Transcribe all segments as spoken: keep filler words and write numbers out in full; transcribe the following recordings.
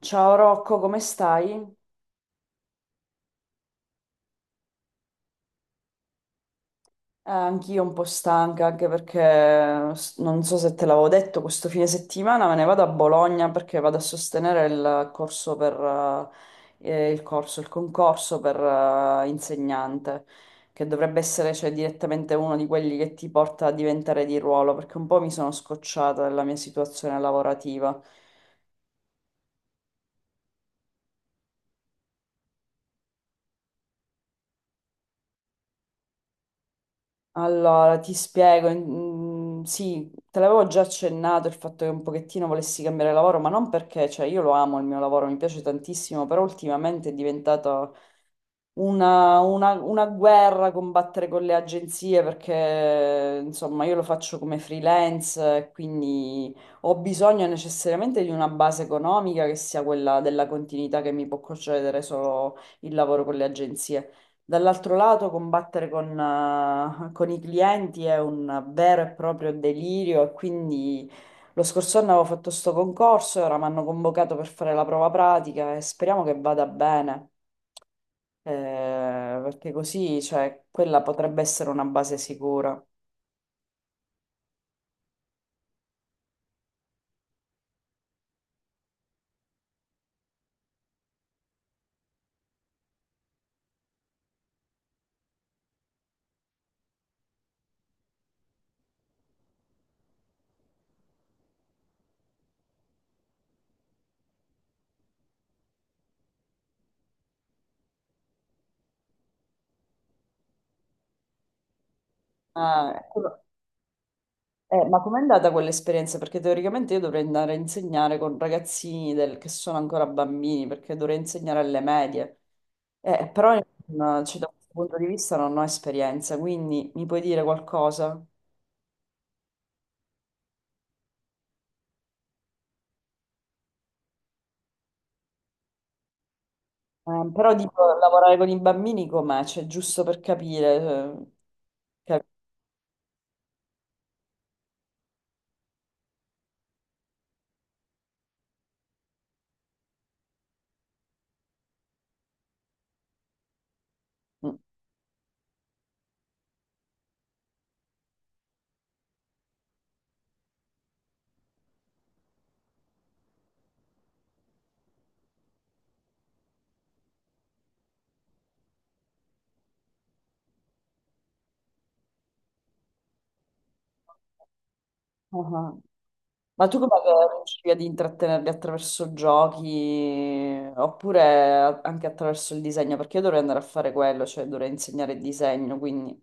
Ciao Rocco, come stai? Eh, anch'io un po' stanca, anche perché s- non so se te l'avevo detto, questo fine settimana me ne vado a Bologna perché vado a sostenere il corso per, eh, eh, il corso, il concorso per, eh, insegnante, che dovrebbe essere, cioè, direttamente uno di quelli che ti porta a diventare di ruolo, perché un po' mi sono scocciata della mia situazione lavorativa. Allora, ti spiego, in- mm, sì, te l'avevo già accennato il fatto che un pochettino volessi cambiare lavoro, ma non perché, cioè io lo amo il mio lavoro, mi piace tantissimo, però ultimamente è diventato una, una- una guerra, combattere con le agenzie perché insomma io lo faccio come freelance, eh, quindi ho bisogno necessariamente di una base economica che sia quella della continuità che mi può concedere solo il lavoro con le agenzie. Dall'altro lato, combattere con, eh, con i clienti è un vero e proprio delirio e quindi lo scorso anno avevo fatto sto concorso e ora mi hanno convocato per fare la prova pratica e speriamo che vada bene eh, perché così, cioè, quella potrebbe essere una base sicura. Ah, ecco. Eh, ma com'è andata quell'esperienza? Perché teoricamente io dovrei andare a insegnare con ragazzini del- che sono ancora bambini, perché dovrei insegnare alle medie. Eh, però mm, cioè, da questo punto di vista non ho esperienza, quindi mi puoi dire qualcosa? Eh, però dico, lavorare con i bambini com'è? Cioè, giusto per capire. eh, cap- Mm. Ah ah. Ma tu come che riuscivi ad intrattenerli attraverso giochi oppure a- anche attraverso il disegno? Perché io dovrei andare a fare quello, cioè dovrei insegnare il disegno, quindi...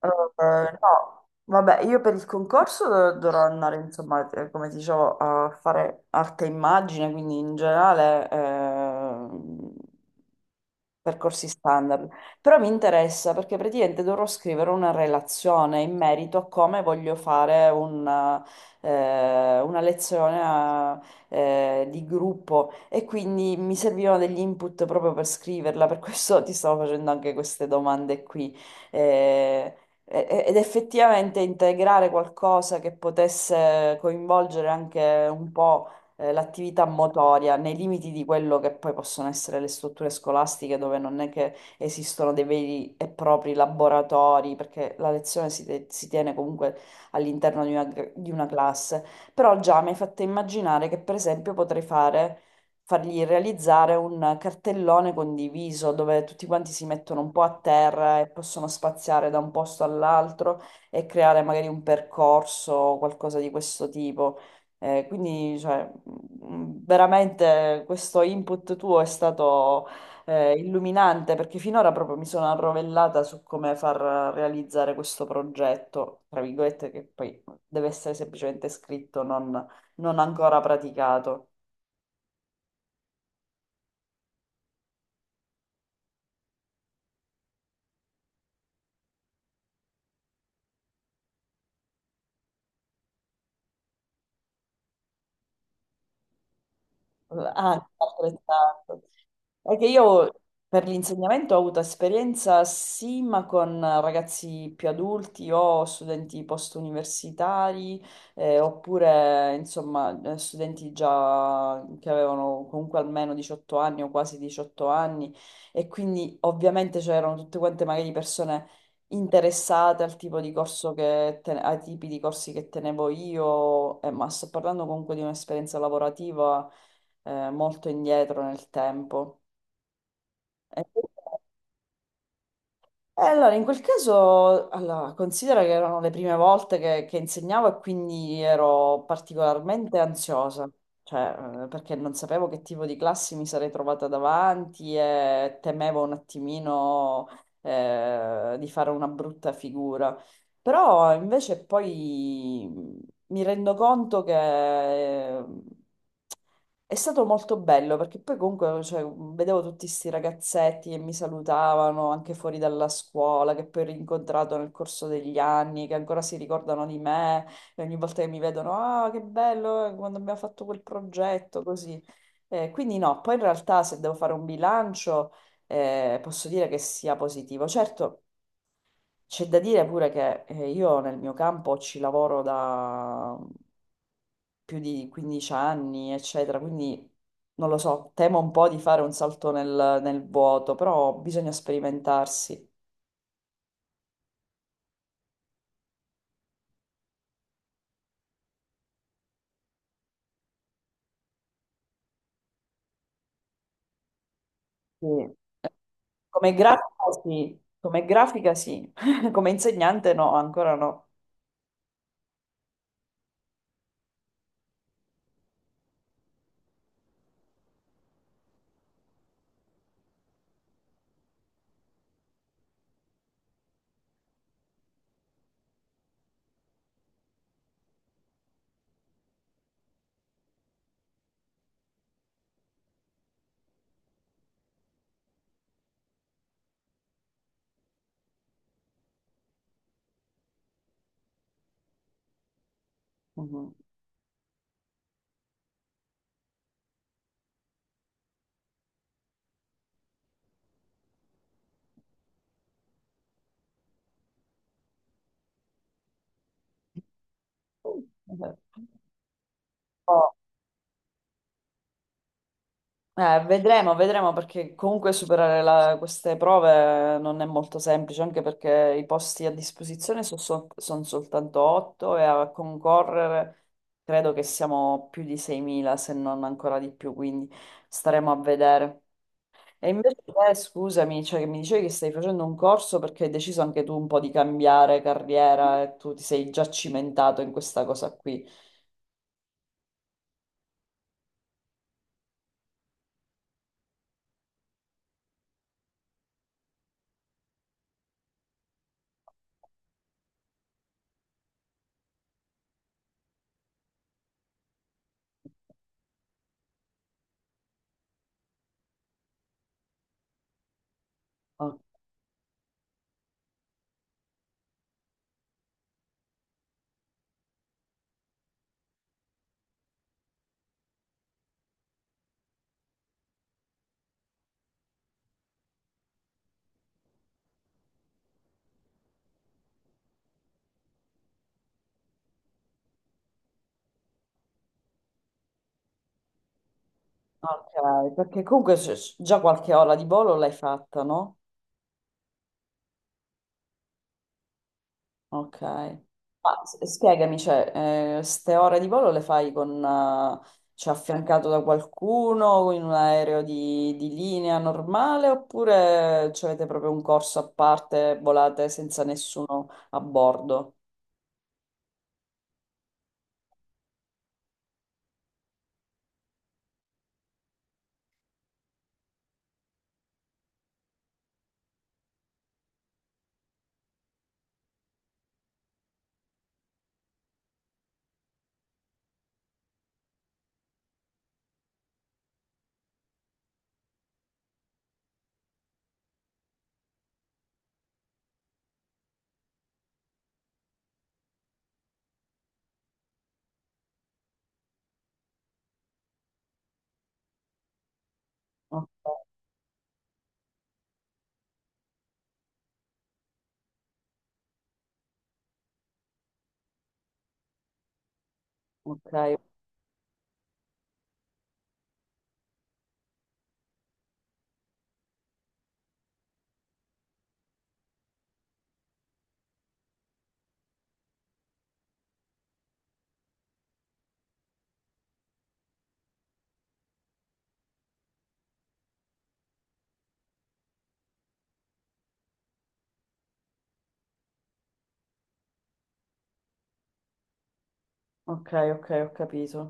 Eh, no, vabbè, io per il concorso dov- dovrò andare, insomma, eh, come ti dicevo, a fare arte e immagine, quindi in generale ehm, percorsi standard. Però mi interessa perché praticamente dovrò scrivere una relazione in merito a come voglio fare una, eh, una lezione a- eh, di gruppo e quindi mi servivano degli input proprio per scriverla, per questo ti stavo facendo anche queste domande qui. Eh, e- Ed effettivamente integrare qualcosa che potesse coinvolgere anche un po' eh, l'attività motoria nei limiti di quello che poi possono essere le strutture scolastiche dove non è che esistono dei veri e propri laboratori, perché la lezione si, te- si tiene comunque all'interno di una, gr- di una classe. Però già mi hai fatto immaginare che per esempio potrei fare fargli realizzare un cartellone condiviso dove tutti quanti si mettono un po' a terra e possono spaziare da un posto all'altro e creare magari un percorso o qualcosa di questo tipo. Eh, quindi, cioè, mh, veramente questo input tuo è stato eh, illuminante perché finora proprio mi sono arrovellata su come far realizzare questo progetto, tra virgolette, che poi deve essere semplicemente scritto, non non ancora praticato. Ah, altrettanto. È che io per l'insegnamento ho avuto esperienza sì, ma con ragazzi più adulti o studenti post-universitari, eh, oppure insomma eh, studenti già che avevano comunque almeno diciotto anni o quasi diciotto anni e quindi ovviamente c'erano tutte quante magari persone interessate al tipo di corso che te- ai tipi di corsi che tenevo io, eh, ma sto parlando comunque di un'esperienza lavorativa eh, molto indietro nel tempo. E e allora, in quel caso, allora, considera che erano le prime volte che, che insegnavo e quindi ero particolarmente ansiosa, cioè, eh, perché non sapevo che tipo di classi mi sarei trovata davanti e temevo un attimino, eh, di fare una brutta figura. Però invece poi mm, mi rendo conto che eh, è stato molto bello perché poi comunque cioè, vedevo tutti questi ragazzetti che mi salutavano anche fuori dalla scuola, che poi ho rincontrato nel corso degli anni, che ancora si ricordano di me e ogni volta che mi vedono, ah, che bello eh, quando abbiamo fatto quel progetto, così. Eh, quindi no, poi in realtà se devo fare un bilancio eh, posso dire che sia positivo. Certo. C'è da dire pure che eh, io nel mio campo ci lavoro da più di quindici anni, eccetera, quindi non lo so, temo un po' di fare un salto nel, nel vuoto, però bisogna sperimentarsi. Sì. Come grafica sì, come grafica sì, come insegnante no, ancora no. Mhm. Oh, Eh, vedremo, vedremo perché comunque superare la- queste prove non è molto semplice, anche perché i posti a disposizione sono soltanto otto e a concorrere credo che siamo più di seimila, se non ancora di più, quindi staremo a vedere. E invece te, scusami, cioè, che mi dicevi che stai facendo un corso perché hai deciso anche tu un po' di cambiare carriera e tu ti sei già cimentato in questa cosa qui. Oh, ok, perché comunque c- già qualche ora di volo l'hai fatta, no? Ok. Ma s- spiegami, cioè, eh, ste ore di volo le fai con, eh, cioè, affiancato da qualcuno in un aereo di, di linea normale oppure cioè, avete proprio un corso a parte, volate senza nessuno a bordo? Ok, ok, ok, ok, ho capito.